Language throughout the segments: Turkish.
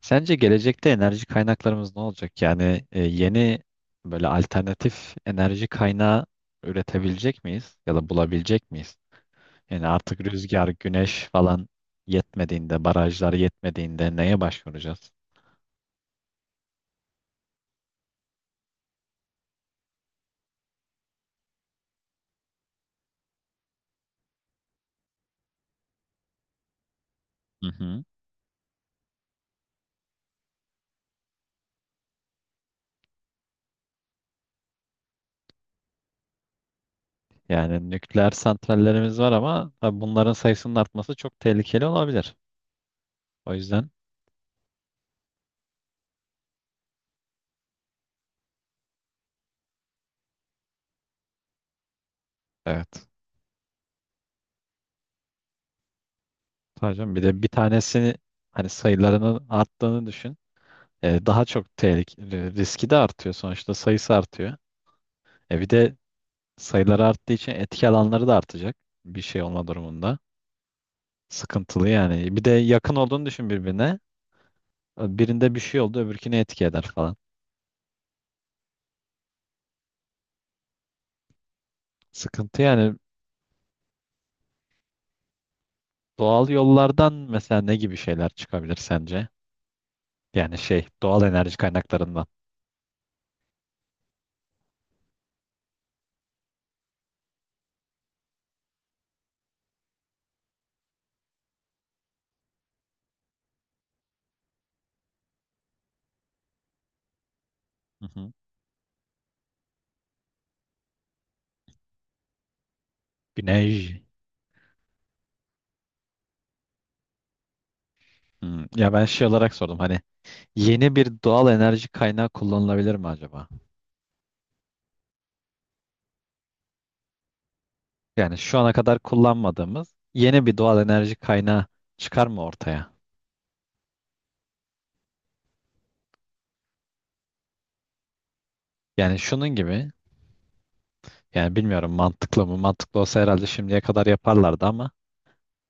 Sence gelecekte enerji kaynaklarımız ne olacak? Yani yeni böyle alternatif enerji kaynağı üretebilecek miyiz ya da bulabilecek miyiz? Yani artık rüzgar, güneş falan yetmediğinde, barajlar yetmediğinde neye başvuracağız? Hı hı. Yani nükleer santrallerimiz var ama tabii bunların sayısının artması çok tehlikeli olabilir. O yüzden evet. Tabii canım, bir de bir tanesi hani sayılarının arttığını düşün. Daha çok tehlikeli, riski de artıyor sonuçta sayısı artıyor. Bir de sayılar arttığı için etki alanları da artacak bir şey olma durumunda. Sıkıntılı yani. Bir de yakın olduğunu düşün birbirine. Birinde bir şey oldu, öbürküne etki eder falan. Sıkıntı yani doğal yollardan mesela ne gibi şeyler çıkabilir sence? Yani şey, doğal enerji kaynaklarından. Hı hı. Güneş. Hmm. Ya ben şey olarak sordum hani yeni bir doğal enerji kaynağı kullanılabilir mi acaba? Yani şu ana kadar kullanmadığımız yeni bir doğal enerji kaynağı çıkar mı ortaya? Yani şunun gibi yani bilmiyorum mantıklı mı? Mantıklı olsa herhalde şimdiye kadar yaparlardı ama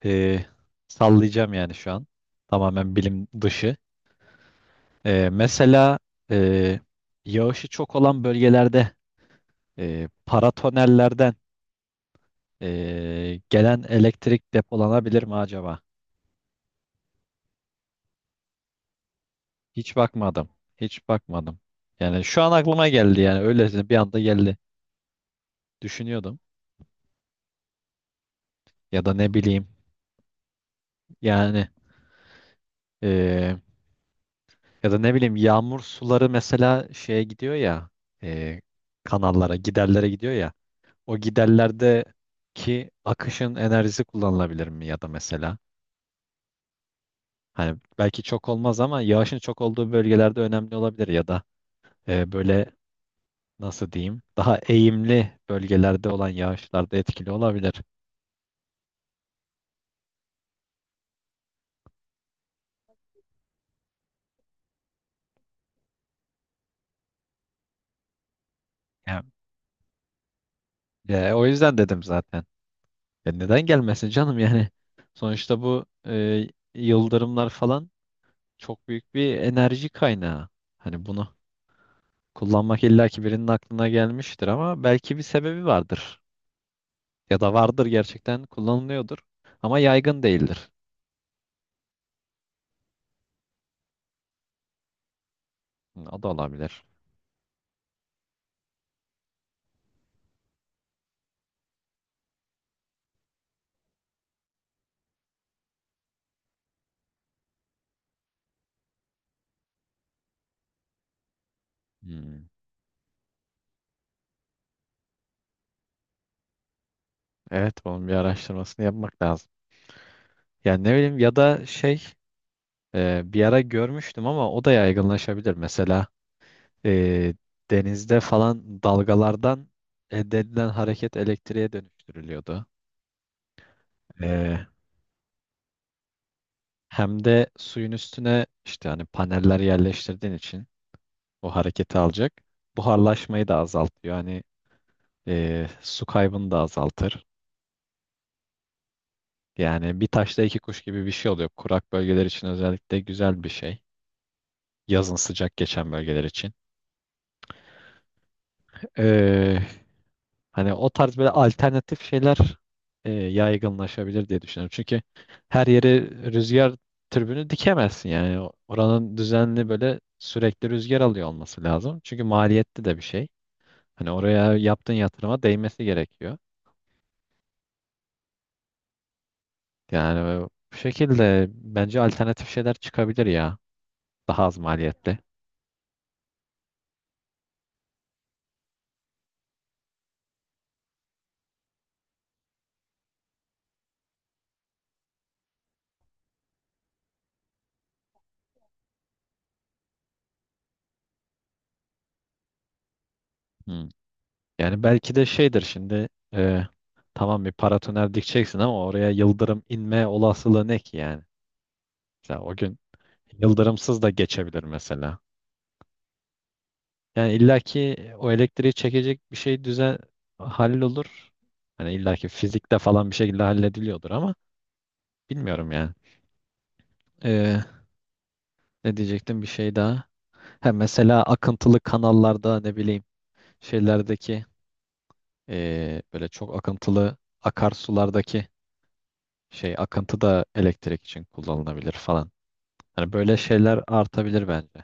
e, sallayacağım yani şu an. Tamamen bilim dışı. E, mesela e, yağışı çok olan bölgelerde paratonellerden gelen elektrik depolanabilir mi acaba? Hiç bakmadım. Hiç bakmadım. Yani şu an aklıma geldi yani öylesine bir anda geldi. Düşünüyordum. Ya da ne bileyim yani e, ya da ne bileyim yağmur suları mesela şeye gidiyor ya, e, kanallara giderlere gidiyor ya. O giderlerdeki akışın enerjisi kullanılabilir mi ya da mesela hani belki çok olmaz ama yağışın çok olduğu bölgelerde önemli olabilir ya da böyle nasıl diyeyim daha eğimli bölgelerde olan yağışlarda etkili olabilir. Ya, ya, o yüzden dedim zaten. Ya neden gelmesin canım yani? Sonuçta bu yıldırımlar falan çok büyük bir enerji kaynağı. Hani bunu kullanmak illaki birinin aklına gelmiştir ama belki bir sebebi vardır. Ya da vardır gerçekten kullanılıyordur. Ama yaygın değildir. Hı, o da olabilir. Hmm. Evet bunun bir araştırmasını yapmak lazım. Yani ne bileyim ya da şey bir ara görmüştüm ama o da yaygınlaşabilir. Mesela e, denizde falan dalgalardan elde edilen hareket elektriğe dönüştürülüyordu. E, Hem de suyun üstüne işte hani paneller yerleştirdiğin için o hareketi alacak. Buharlaşmayı da azaltıyor. Hani su kaybını da azaltır. Yani bir taşla iki kuş gibi bir şey oluyor. Kurak bölgeler için özellikle güzel bir şey. Yazın sıcak geçen bölgeler için. Ee, hani o tarz böyle alternatif şeyler yaygınlaşabilir diye düşünüyorum. Çünkü her yere rüzgar türbünü dikemezsin yani. Oranın düzenli böyle sürekli rüzgar alıyor olması lazım. Çünkü maliyetli de bir şey. Hani oraya yaptığın yatırıma değmesi gerekiyor. Yani bu şekilde bence alternatif şeyler çıkabilir ya. Daha az maliyetli. Hmm. Yani belki de şeydir şimdi e, tamam bir paratoner dikeceksin ama oraya yıldırım inme olasılığı ne ki yani? Mesela o gün yıldırımsız da geçebilir mesela. Yani illaki o elektriği çekecek bir şey düzen hallolur. Hani illaki fizikte falan bir şekilde hallediliyordur ama bilmiyorum yani. E, Ne diyecektim bir şey daha. Ha, mesela akıntılı kanallarda ne bileyim şeylerdeki böyle çok akıntılı akarsulardaki şey akıntı da elektrik için kullanılabilir falan. Hani böyle şeyler artabilir bence.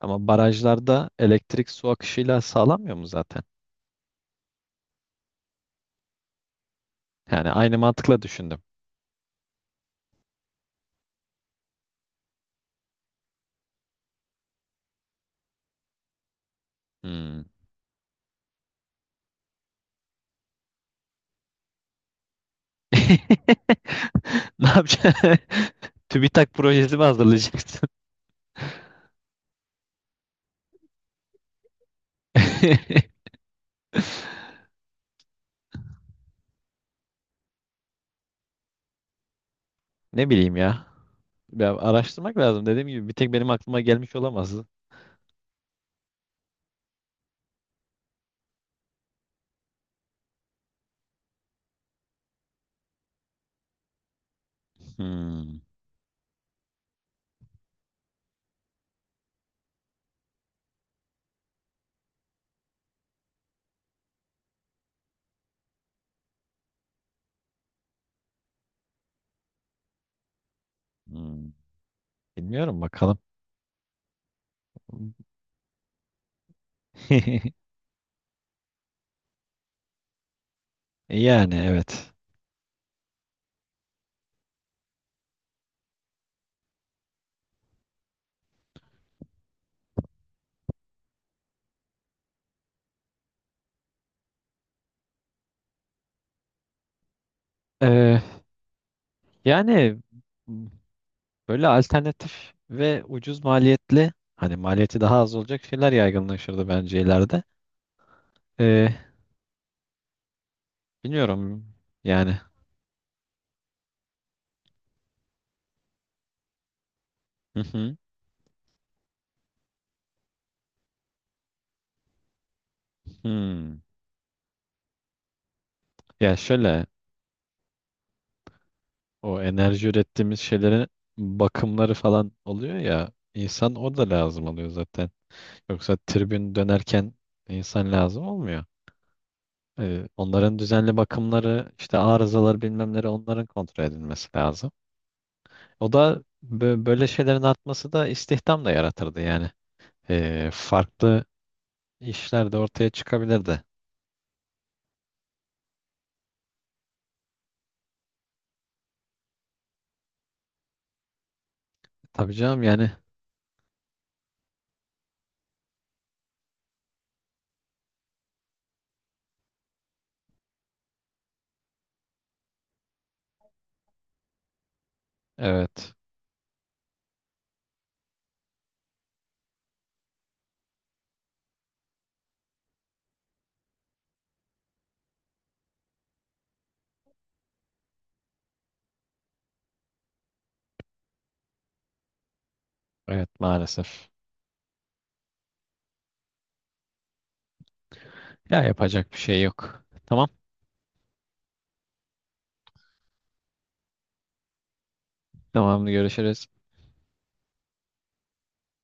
Ama barajlarda elektrik su akışıyla sağlanmıyor mu zaten? Yani aynı mantıkla düşündüm. Hmm. Ne yapacaksın? TÜBİTAK projesi mi hazırlayacaksın? Ne bileyim ya. Ya araştırmak lazım. Dediğim gibi bir tek benim aklıma gelmiş olamaz. Hmm. Hmm. Bilmiyorum bakalım. Yani evet. Ee, Yani böyle alternatif ve ucuz maliyetli hani maliyeti daha az olacak şeyler yaygınlaşırdı bence ileride. Ee, Bilmiyorum yani. Hı hı. Hmm. Ya şöyle o enerji ürettiğimiz şeylerin bakımları falan oluyor ya insan o da lazım oluyor zaten. Yoksa tribün dönerken insan lazım olmuyor. Onların düzenli bakımları, işte arızaları bilmemleri onların kontrol edilmesi lazım. O da böyle şeylerin artması da istihdam da yaratırdı yani. Farklı işler de ortaya çıkabilirdi. Tabii canım yani evet. Evet maalesef. Ya yapacak bir şey yok. Tamam. Tamam görüşürüz.